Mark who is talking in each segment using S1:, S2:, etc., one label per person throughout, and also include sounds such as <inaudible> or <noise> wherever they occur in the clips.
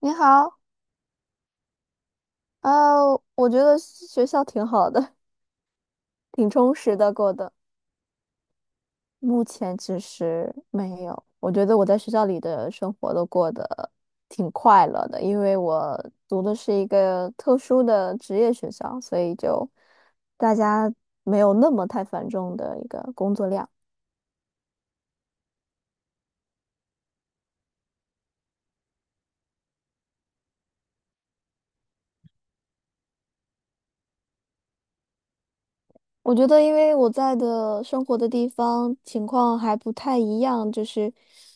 S1: 你好，我觉得学校挺好的，挺充实的过的。目前其实没有，我觉得我在学校里的生活都过得挺快乐的，因为我读的是一个特殊的职业学校，所以就大家没有那么太繁重的一个工作量。我觉得，因为我在的生活的地方情况还不太一样，就是，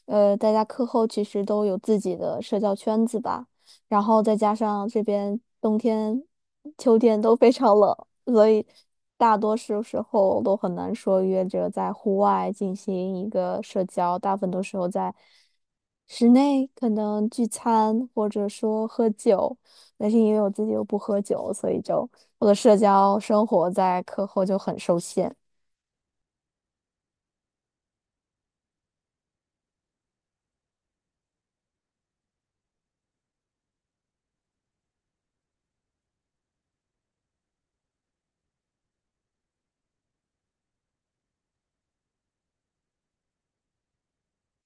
S1: 大家课后其实都有自己的社交圈子吧，然后再加上这边冬天、秋天都非常冷，所以大多数时候都很难说约着在户外进行一个社交，大部分都时候在室内可能聚餐或者说喝酒，但是因为我自己又不喝酒，所以就。我的社交生活在课后就很受限。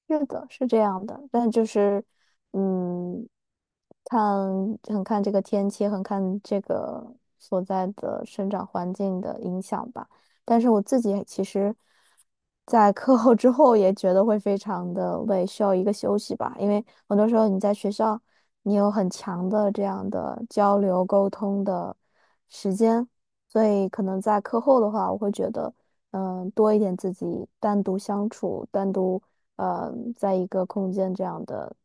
S1: 是的，是这样的，但就是，嗯，看很看这个天气，很看这个所在的生长环境的影响吧。但是我自己其实，在课后之后也觉得会非常的累，需要一个休息吧。因为很多时候你在学校，你有很强的这样的交流沟通的时间，所以可能在课后的话，我会觉得。多一点自己单独相处、单独在一个空间这样的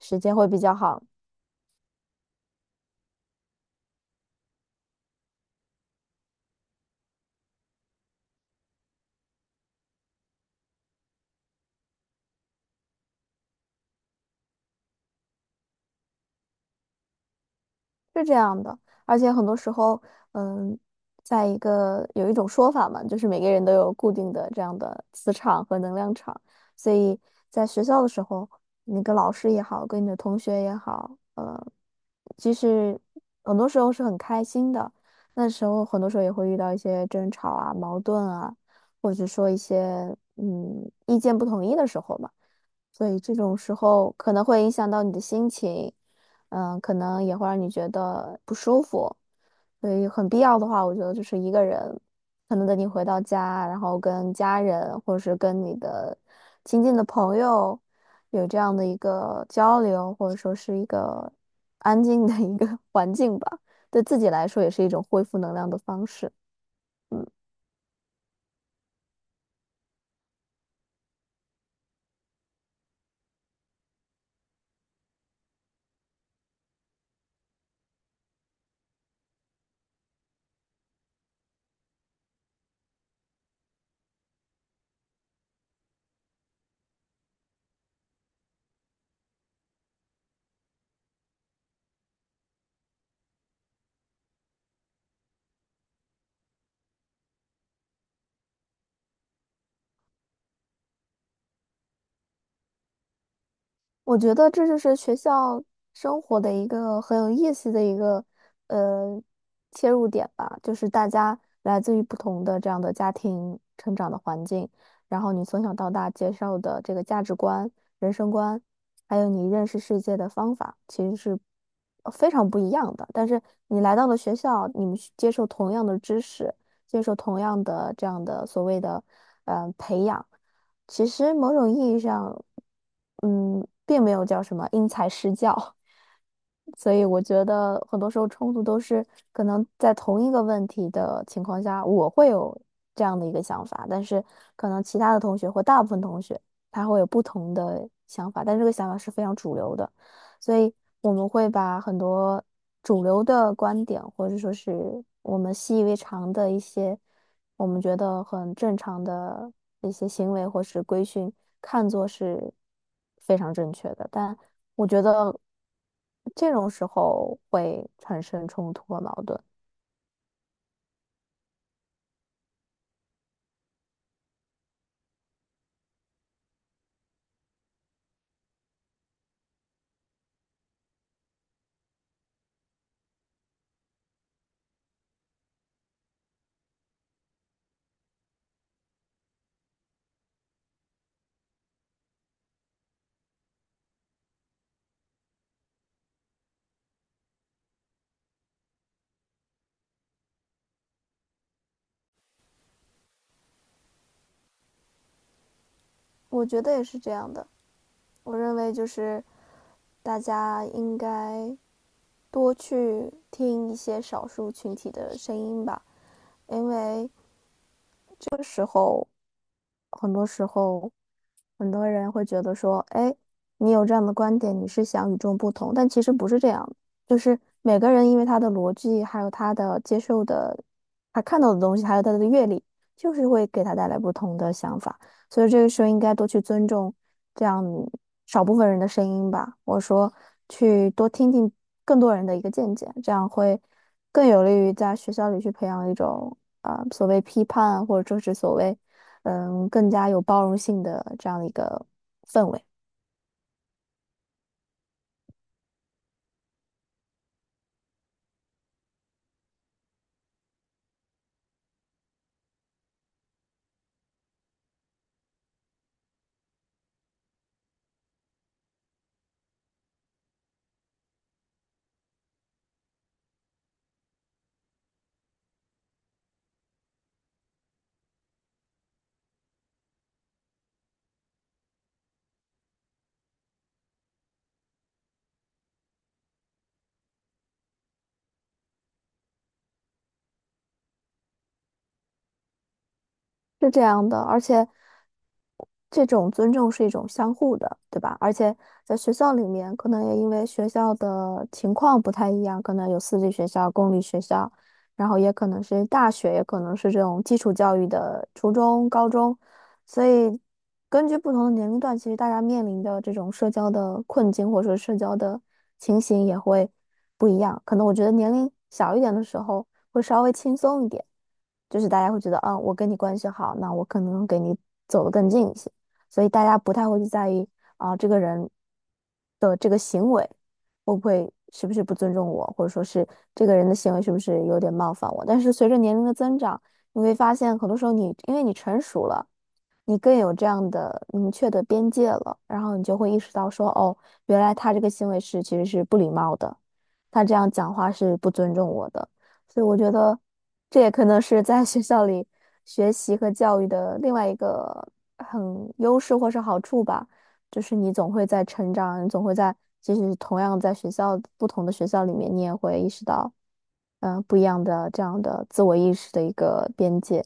S1: 时间会比较好。是这样的，而且很多时候，嗯，在一个有一种说法嘛，就是每个人都有固定的这样的磁场和能量场，所以在学校的时候，你跟老师也好，跟你的同学也好，其实很多时候是很开心的，那时候很多时候也会遇到一些争吵啊、矛盾啊，或者说一些意见不统一的时候嘛，所以这种时候可能会影响到你的心情。嗯，可能也会让你觉得不舒服，所以很必要的话，我觉得就是一个人，可能等你回到家，然后跟家人或者是跟你的亲近的朋友有这样的一个交流，或者说是一个安静的一个 <laughs> 环境吧，对自己来说也是一种恢复能量的方式。我觉得这就是学校生活的一个很有意思的一个呃切入点吧，就是大家来自于不同的这样的家庭成长的环境，然后你从小到大接受的这个价值观、人生观，还有你认识世界的方法，其实是非常不一样的。但是你来到了学校，你们是接受同样的知识，接受同样的这样的所谓的培养。其实某种意义上，并没有叫什么因材施教，<laughs> 所以我觉得很多时候冲突都是可能在同一个问题的情况下，我会有这样的一个想法，但是可能其他的同学或大部分同学他会有不同的想法，但这个想法是非常主流的，所以我们会把很多主流的观点，或者说是我们习以为常的一些。我们觉得很正常的一些行为或是规训，看作是非常正确的。但我觉得这种时候会产生冲突和矛盾。我觉得也是这样的。我认为就是大家应该多去听一些少数群体的声音吧，因为很多时候。很多人会觉得说，哎，你有这样的观点，你是想与众不同，但其实不是这样的就是每个人因为他的逻辑，还有他的接受的，他看到的东西，还有他的阅历，就是会给他带来不同的想法，所以这个时候应该多去尊重这样少部分人的声音吧。我说，去多听听更多人的一个见解，这样会更有利于在学校里去培养一种所谓批判，或者说是所谓。更加有包容性的这样的一个氛围，是这样的。而且，这种尊重是一种相互的，对吧？而且在学校里面，可能也因为学校的情况不太一样，可能有私立学校、公立学校，然后也可能是大学，也可能是这种基础教育的初中、高中，所以根据不同的年龄段，其实大家面临的这种社交的困境或者说社交的情形也会不一样。可能我觉得年龄小一点的时候。会稍微轻松一点，就是大家会觉得，啊，我跟你关系好，那我可能给你走得更近一些，所以大家不太会去在意啊，这个人的这个行为会不会是不是不尊重我，或者说是这个人的行为是不是有点冒犯我。但是随着年龄的增长，你会发现很多时候你因为你成熟了。你更有这样的明确的边界了，然后你就会意识到说，哦，原来他这个行为是其实是不礼貌的，他这样讲话是不尊重我的。所以我觉得这也可能是在学校里学习和教育的另外一个很优势或是好处吧，就是你总会在成长，你总会在，即使同样在学校不同的学校里面，你也会意识到，不一样的这样的自我意识的一个边界。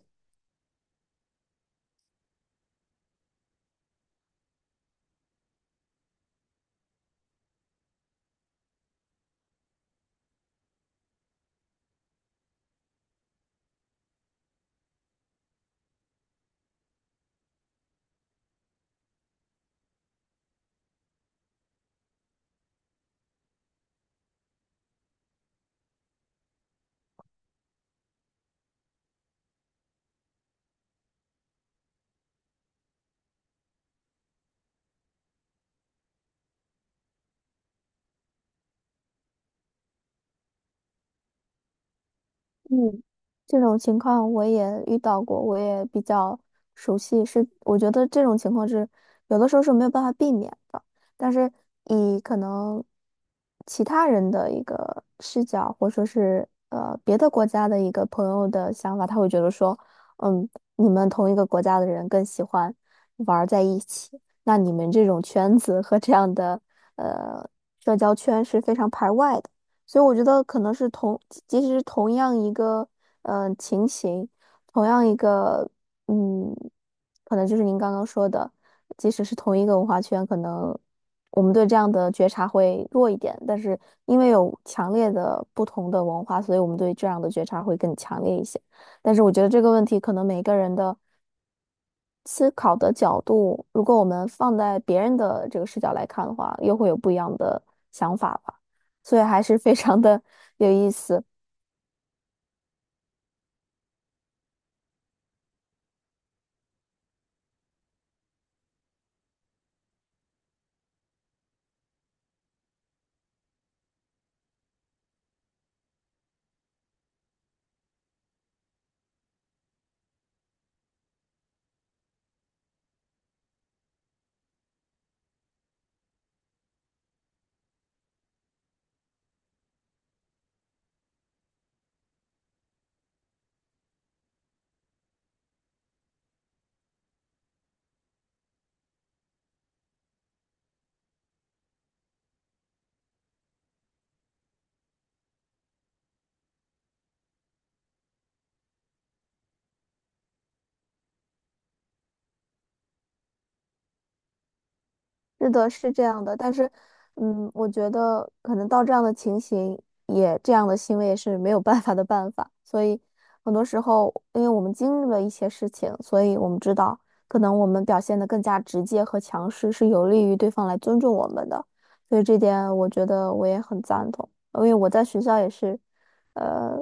S1: 嗯，这种情况我也遇到过，我也比较熟悉。是，我觉得这种情况是有的时候是没有办法避免的，但是以可能其他人的一个视角，或者说是别的国家的一个朋友的想法，他会觉得说，嗯，你们同一个国家的人更喜欢玩儿在一起，那你们这种圈子和这样的呃社交圈是非常排外的。所以我觉得可能是同，即使是同样一个情形，同样一个嗯，可能就是您刚刚说的，即使是同一个文化圈，可能我们对这样的觉察会弱一点，但是因为有强烈的不同的文化，所以我们对这样的觉察会更强烈一些。但是我觉得这个问题可能每个人的。思考的角度，如果我们放在别人的这个视角来看的话，又会有不一样的想法吧。所以还是非常的有意思。是的，是这样的，但是，我觉得可能到这样的情形也这样的行为也是没有办法的办法，所以很多时候，因为我们经历了一些事情，所以我们知道，可能我们表现得更加直接和强势是有利于对方来尊重我们的，所以这点我觉得我也很赞同，因为我在学校也是，呃，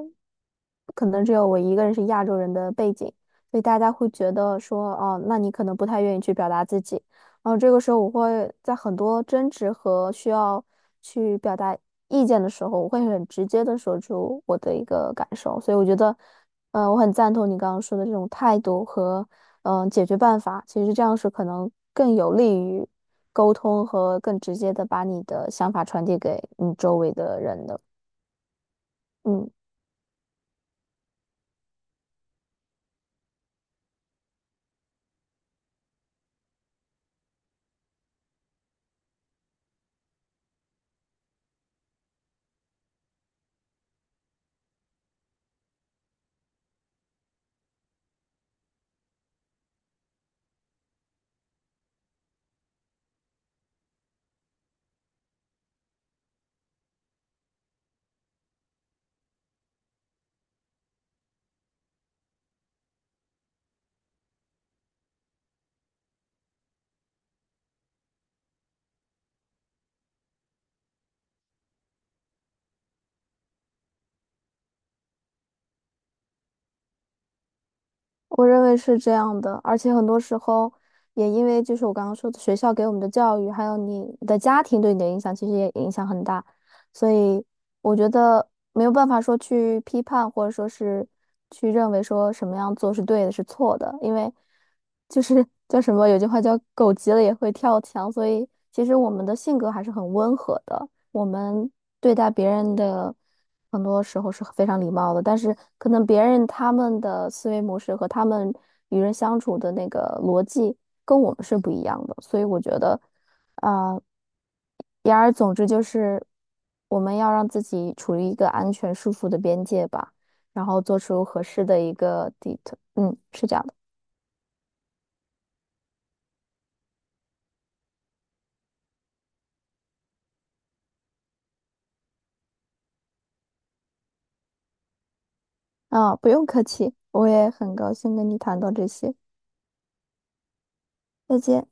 S1: 可能只有我一个人是亚洲人的背景，所以大家会觉得说，哦，那你可能不太愿意去表达自己。然后这个时候，我会在很多争执和需要去表达意见的时候，我会很直接的说出我的一个感受。所以我觉得，我很赞同你刚刚说的这种态度和解决办法。其实这样是可能更有利于沟通和更直接的把你的想法传递给你周围的人的。嗯。我认为是这样的，而且很多时候也因为就是我刚刚说的学校给我们的教育，还有你的家庭对你的影响，其实也影响很大。所以我觉得没有办法说去批判，或者说是去认为说什么样做是对的，是错的，因为就是叫什么，有句话叫“狗急了也会跳墙”，所以其实我们的性格还是很温和的。我们对待别人的很多时候是非常礼貌的，但是可能别人他们的思维模式和他们与人相处的那个逻辑跟我们是不一样的，所以我觉得，啊、言而总之就是我们要让自己处于一个安全舒服的边界吧，然后做出合适的一个 d 嗯，是这样的不用客气，我也很高兴跟你谈到这些，再见。